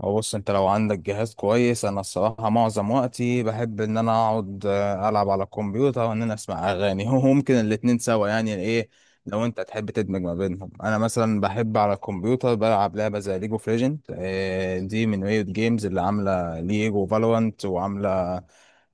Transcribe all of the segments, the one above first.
هو بص، انت لو عندك جهاز كويس انا الصراحه معظم وقتي بحب ان انا اقعد العب على الكمبيوتر وان انا اسمع اغاني هو ممكن الاتنين سوا يعني. ايه لو انت تحب تدمج ما بينهم؟ انا مثلا بحب على الكمبيوتر بلعب لعبه زي ليجو اوف ليجند. دي من ريوت جيمز اللي عامله ليج وفالورانت وعامله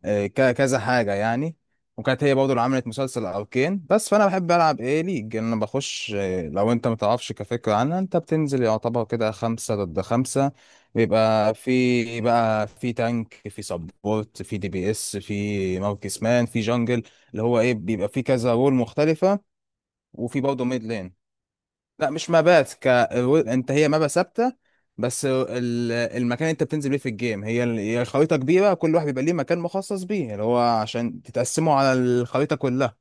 كذا حاجة يعني. وكانت هي برضه اللي عملت مسلسل أركين. بس فأنا بحب ألعب إيه ليج. أنا بخش، لو أنت متعرفش كفكرة عنها، أنت بتنزل يعتبر كده خمسة ضد خمسة. بيبقى في بقى في تانك، في سبورت، في دي بي اس، في مركز مان، في جنجل، اللي هو إيه بيبقى في كذا رول مختلفة. وفي برضه ميد لين. لا مش مبات انت هي مابا ثابته. بس المكان اللي انت بتنزل بيه في الجيم هي هي الخريطه كبيره، كل واحد بيبقى ليه مكان مخصص بيه اللي هو عشان تتقسموا على الخريطه كلها.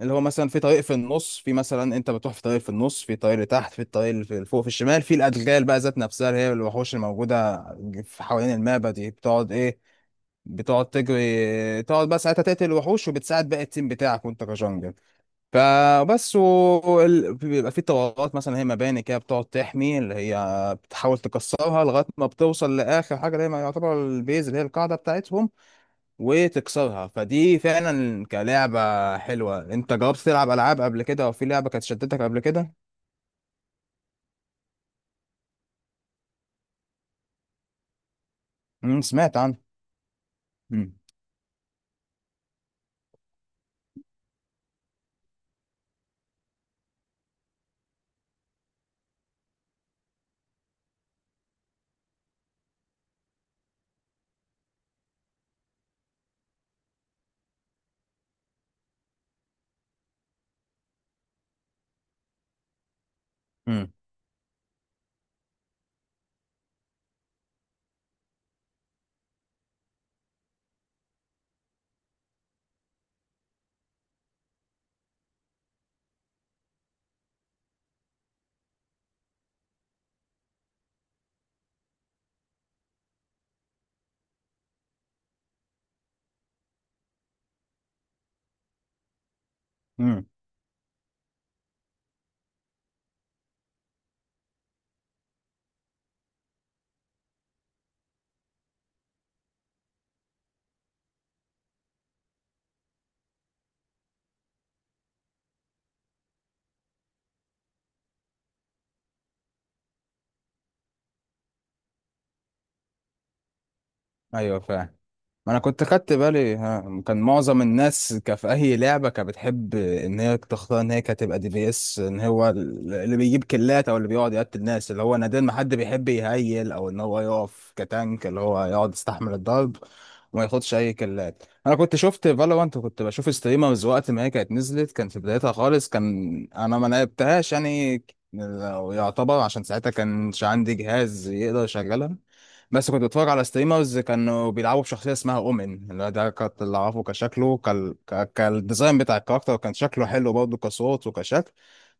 اللي هو مثلا في طريق في النص، في مثلا انت بتروح في طريق في النص، في طريق لتحت، في الطريق اللي في فوق في الشمال، في الادغال بقى ذات نفسها اللي هي الوحوش الموجوده في حوالين المابا دي بتقعد ايه؟ بتقعد تجري، تقعد بقى ساعتها تقتل الوحوش وبتساعد باقي التيم بتاعك وانت كجنجل. فبس بيبقى في طوارات مثلا هي مباني كده بتقعد تحمي اللي هي بتحاول تكسرها لغايه ما بتوصل لاخر حاجه اللي هي ما يعتبر البيز اللي هي القاعده بتاعتهم، وتكسرها. فدي فعلا كلعبه حلوه. انت جربت تلعب العاب قبل كده او في لعبه كانت شدتك قبل كده؟ امم، سمعت عنها. امم. ايوه فاهم. ما انا كنت خدت بالي، ها، كان معظم الناس في اي لعبه كانت بتحب ان هي تختار ان هي كانت تبقى دي بي اس، ان هو اللي بيجيب كلات او اللي بيقعد يقتل الناس، اللي هو نادر ما حد بيحب يهيل او ان هو يقف كتانك اللي هو يقعد يستحمل الضرب وما ياخدش اي كلات. انا كنت شفت فالورانت وكنت بشوف ستريمرز وقت ما هي كانت نزلت، كان في بدايتها خالص، كان انا ما لعبتهاش يعني، لو يعتبر عشان ساعتها كانش عندي جهاز يقدر يشغلها. بس كنت بتفرج على ستريمرز كانوا بيلعبوا بشخصية اسمها أومن، اللي ده كنت اللي أعرفه كشكله كالديزاين بتاع الكاركتر، كان شكله حلو برضه كصوت وكشكل.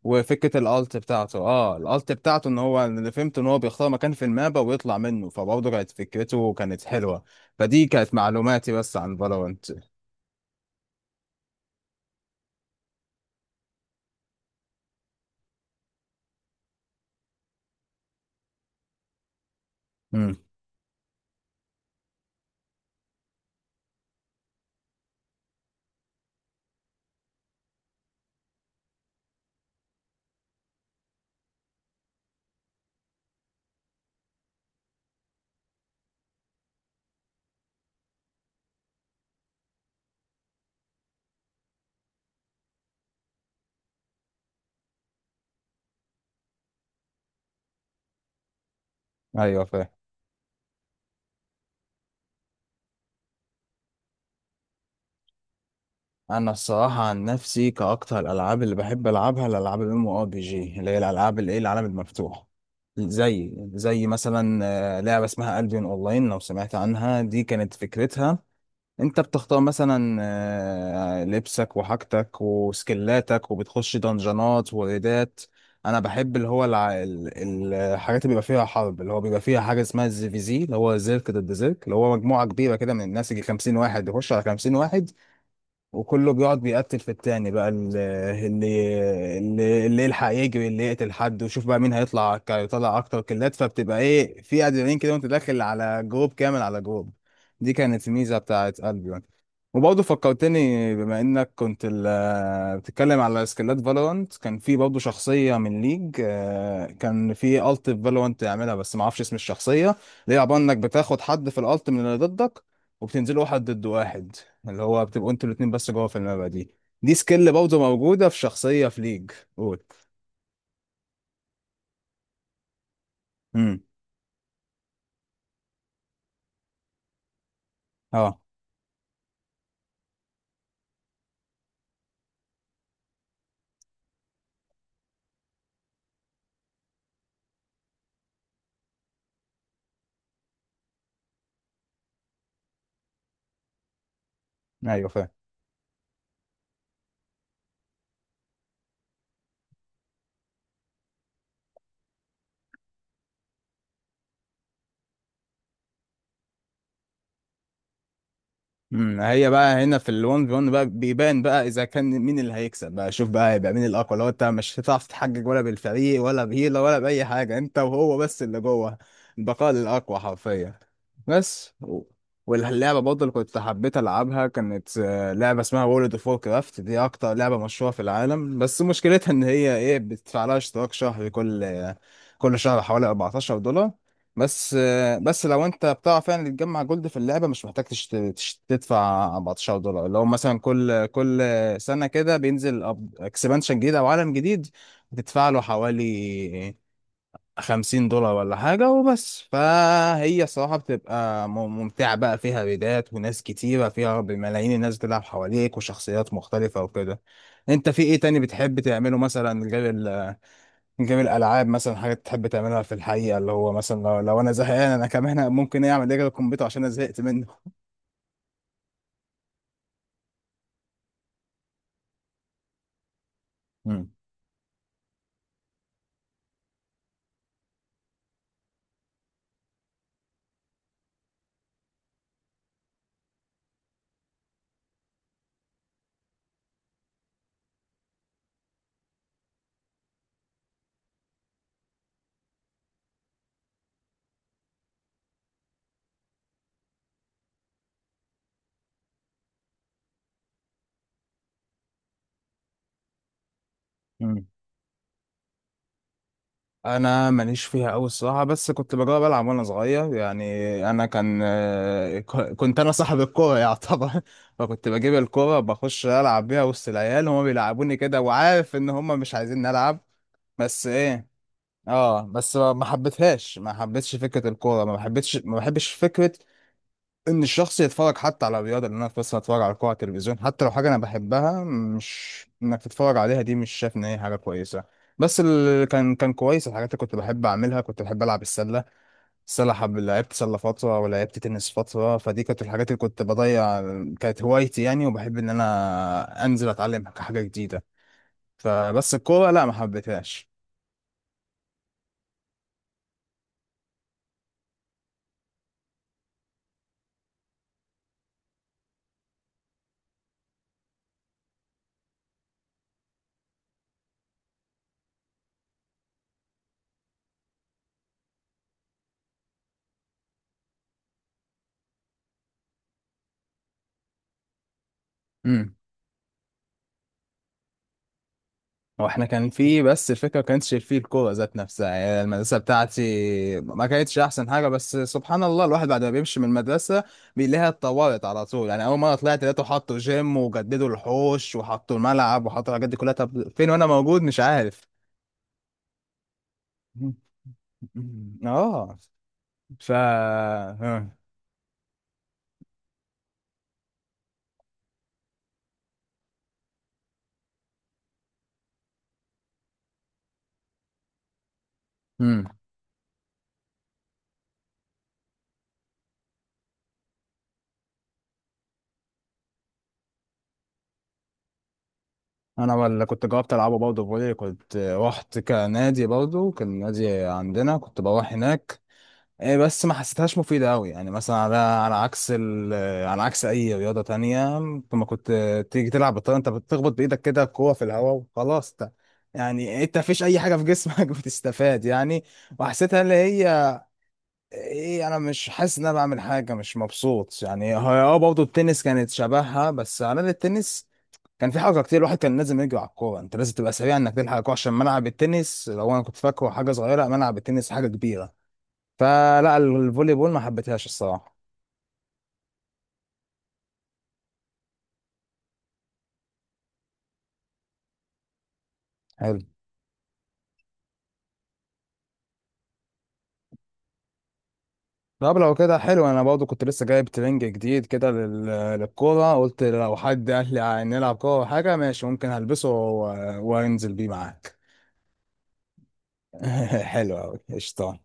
وفكرة الألت بتاعته، اه الألت بتاعته إن هو اللي فهمت إن هو بيختار مكان في المابا ويطلع منه، فبرضه كانت فكرته كانت حلوة. فدي كانت معلوماتي بس عن فالورنت. امم. أيوه فاهم. انا الصراحه عن نفسي كاكتر، الالعاب اللي بحب العبها الالعاب الام ار بي جي، اللي هي الالعاب الايه العالم المفتوح. زي مثلا لعبه اسمها البيون اونلاين، لو سمعت عنها. دي كانت فكرتها انت بتختار مثلا لبسك وحاجتك وسكلاتك وبتخش دنجانات وريدات. انا بحب اللي هو الحاجات اللي بيبقى فيها حرب، اللي هو بيبقى فيها حاجه اسمها الزي في زي، اللي هو زيرك ضد زيرك، اللي هو مجموعه كبيره كده من الناس يجي 50 واحد يخش على 50 واحد وكله بيقعد بيقتل في التاني بقى اللي يلحق يجري، اللي يقتل حد، وشوف بقى مين هيطلع يطلع اكتر كلات. فبتبقى ايه، في ادرينالين كده وانت داخل على جروب كامل على جروب. دي كانت الميزه بتاعت البيون. وبرضه فكرتني بما انك كنت بتتكلم على سكيلات فالورانت، كان في برضه شخصيه من ليج كان في الت في فالورانت تعملها بس ما اعرفش اسم الشخصيه، اللي هي عباره انك بتاخد حد في الالت من اللي ضدك وبتنزلوا واحد ضد واحد، اللي هو بتبقوا انتوا الاتنين بس جوه في الملعب دي. دي سكيل برضه موجودة في شخصية في ليج. قول. امم. اه. ايوه. امم. هي بقى هنا في الون في 1 بقى بيبان بقى اذا كان مين اللي هيكسب، بقى شوف بقى هيبقى مين الاقوى. لو انت مش هتعرف تحجج ولا بالفريق ولا بهيلة ولا باي حاجه، انت وهو بس اللي جوه. البقاء للاقوى حرفيا. بس واللعبه برضه اللي كنت حبيت العبها كانت لعبه اسمها وورلد اوف وور كرافت. دي اكتر لعبه مشهوره في العالم، بس مشكلتها ان هي ايه بتدفع لها اشتراك شهري كل شهر حوالي 14$. بس بس لو انت بتعرف يعني تجمع جولد في اللعبه، مش محتاج تدفع 14$. اللي هو مثلا كل سنه كده بينزل اكسبانشن جديد او عالم جديد، بتدفع له حوالي 50$ ولا حاجه وبس. فهي صراحه بتبقى ممتعه، بقى فيها ريدات وناس كتيره فيها، بملايين الناس بتلعب حواليك وشخصيات مختلفه وكده. انت في ايه تاني بتحب تعمله مثلا غير جيم الالعاب؟ مثلا حاجات تحب تعملها في الحقيقه اللي هو مثلا لو انا زهقان، انا كمان ممكن إيه اعمل ايه على الكمبيوتر عشان انا زهقت منه؟ مم. مم. انا ماليش فيها قوي الصراحه، بس كنت بجرب العب وانا صغير يعني. انا كان كنت انا صاحب الكوره يعتبر فكنت بجيب الكوره بخش العب بيها وسط العيال، هما بيلعبوني كده وعارف ان هما مش عايزين نلعب. بس ايه، اه بس ما ما حبيتهاش، ما حبيتش فكره الكوره، ما بحبتش ما بحبش فكره ان الشخص يتفرج حتى على الرياضه. اللي انا بس اتفرج على كوره على التلفزيون حتى لو حاجه انا بحبها، مش انك تتفرج عليها، دي مش شايف ان هي حاجه كويسه. بس اللي كان كان كويس الحاجات اللي كنت بحب اعملها، كنت بحب العب السله. السله حب، لعبت سله فتره ولعبت تنس فتره. فدي كانت الحاجات اللي كنت بضيع، كانت هوايتي يعني، وبحب ان انا انزل اتعلم حاجه جديده. فبس الكوره لا ما حبيتهاش. مم. هو احنا كان في، بس الفكره ما كانتش في الكوره ذات نفسها يعني. المدرسه بتاعتي ما كانتش احسن حاجه، بس سبحان الله الواحد بعد ما بيمشي من المدرسه بيلاقيها اتطورت على طول. يعني اول مره طلعت لقيته حطوا جيم وجددوا الحوش وحطوا الملعب وحطوا الحاجات دي كلها. طب فين وانا موجود؟ مش عارف اه. ف. امم. انا اللي كنت جربت العبه برضه فولي، كنت رحت كنادي برضه كان نادي عندنا كنت بروح هناك. إيه بس ما حسيتهاش مفيدة أوي، يعني مثلا على عكس على عكس أي رياضة تانية. لما كنت تيجي تلعب بالطيارة، أنت بتخبط بإيدك كده الكورة في الهواء وخلاص يعني أنت مفيش أي حاجة في جسمك بتستفاد يعني. وحسيتها اللي هي إيه، أنا مش حاسس إن أنا بعمل حاجة، مش مبسوط يعني. هي أه برضه التنس كانت شبهها، بس على الأقل التنس كان في حركة كتير، الواحد كان لازم يجري على الكورة، أنت لازم تبقى سريع إنك تلحق الكورة، عشان ملعب التنس لو أنا كنت فاكره حاجة صغيرة، ملعب التنس حاجة كبيرة. فلا الفولي بول ما حبيتهاش الصراحه. حلو. طب لو كده حلو، انا برضو كنت لسه جايب ترنج جديد كده للكوره، قلت لو حد قال لي نلعب كوره أو حاجه ماشي ممكن هلبسه وانزل بيه معاك حلو قوي قشطه.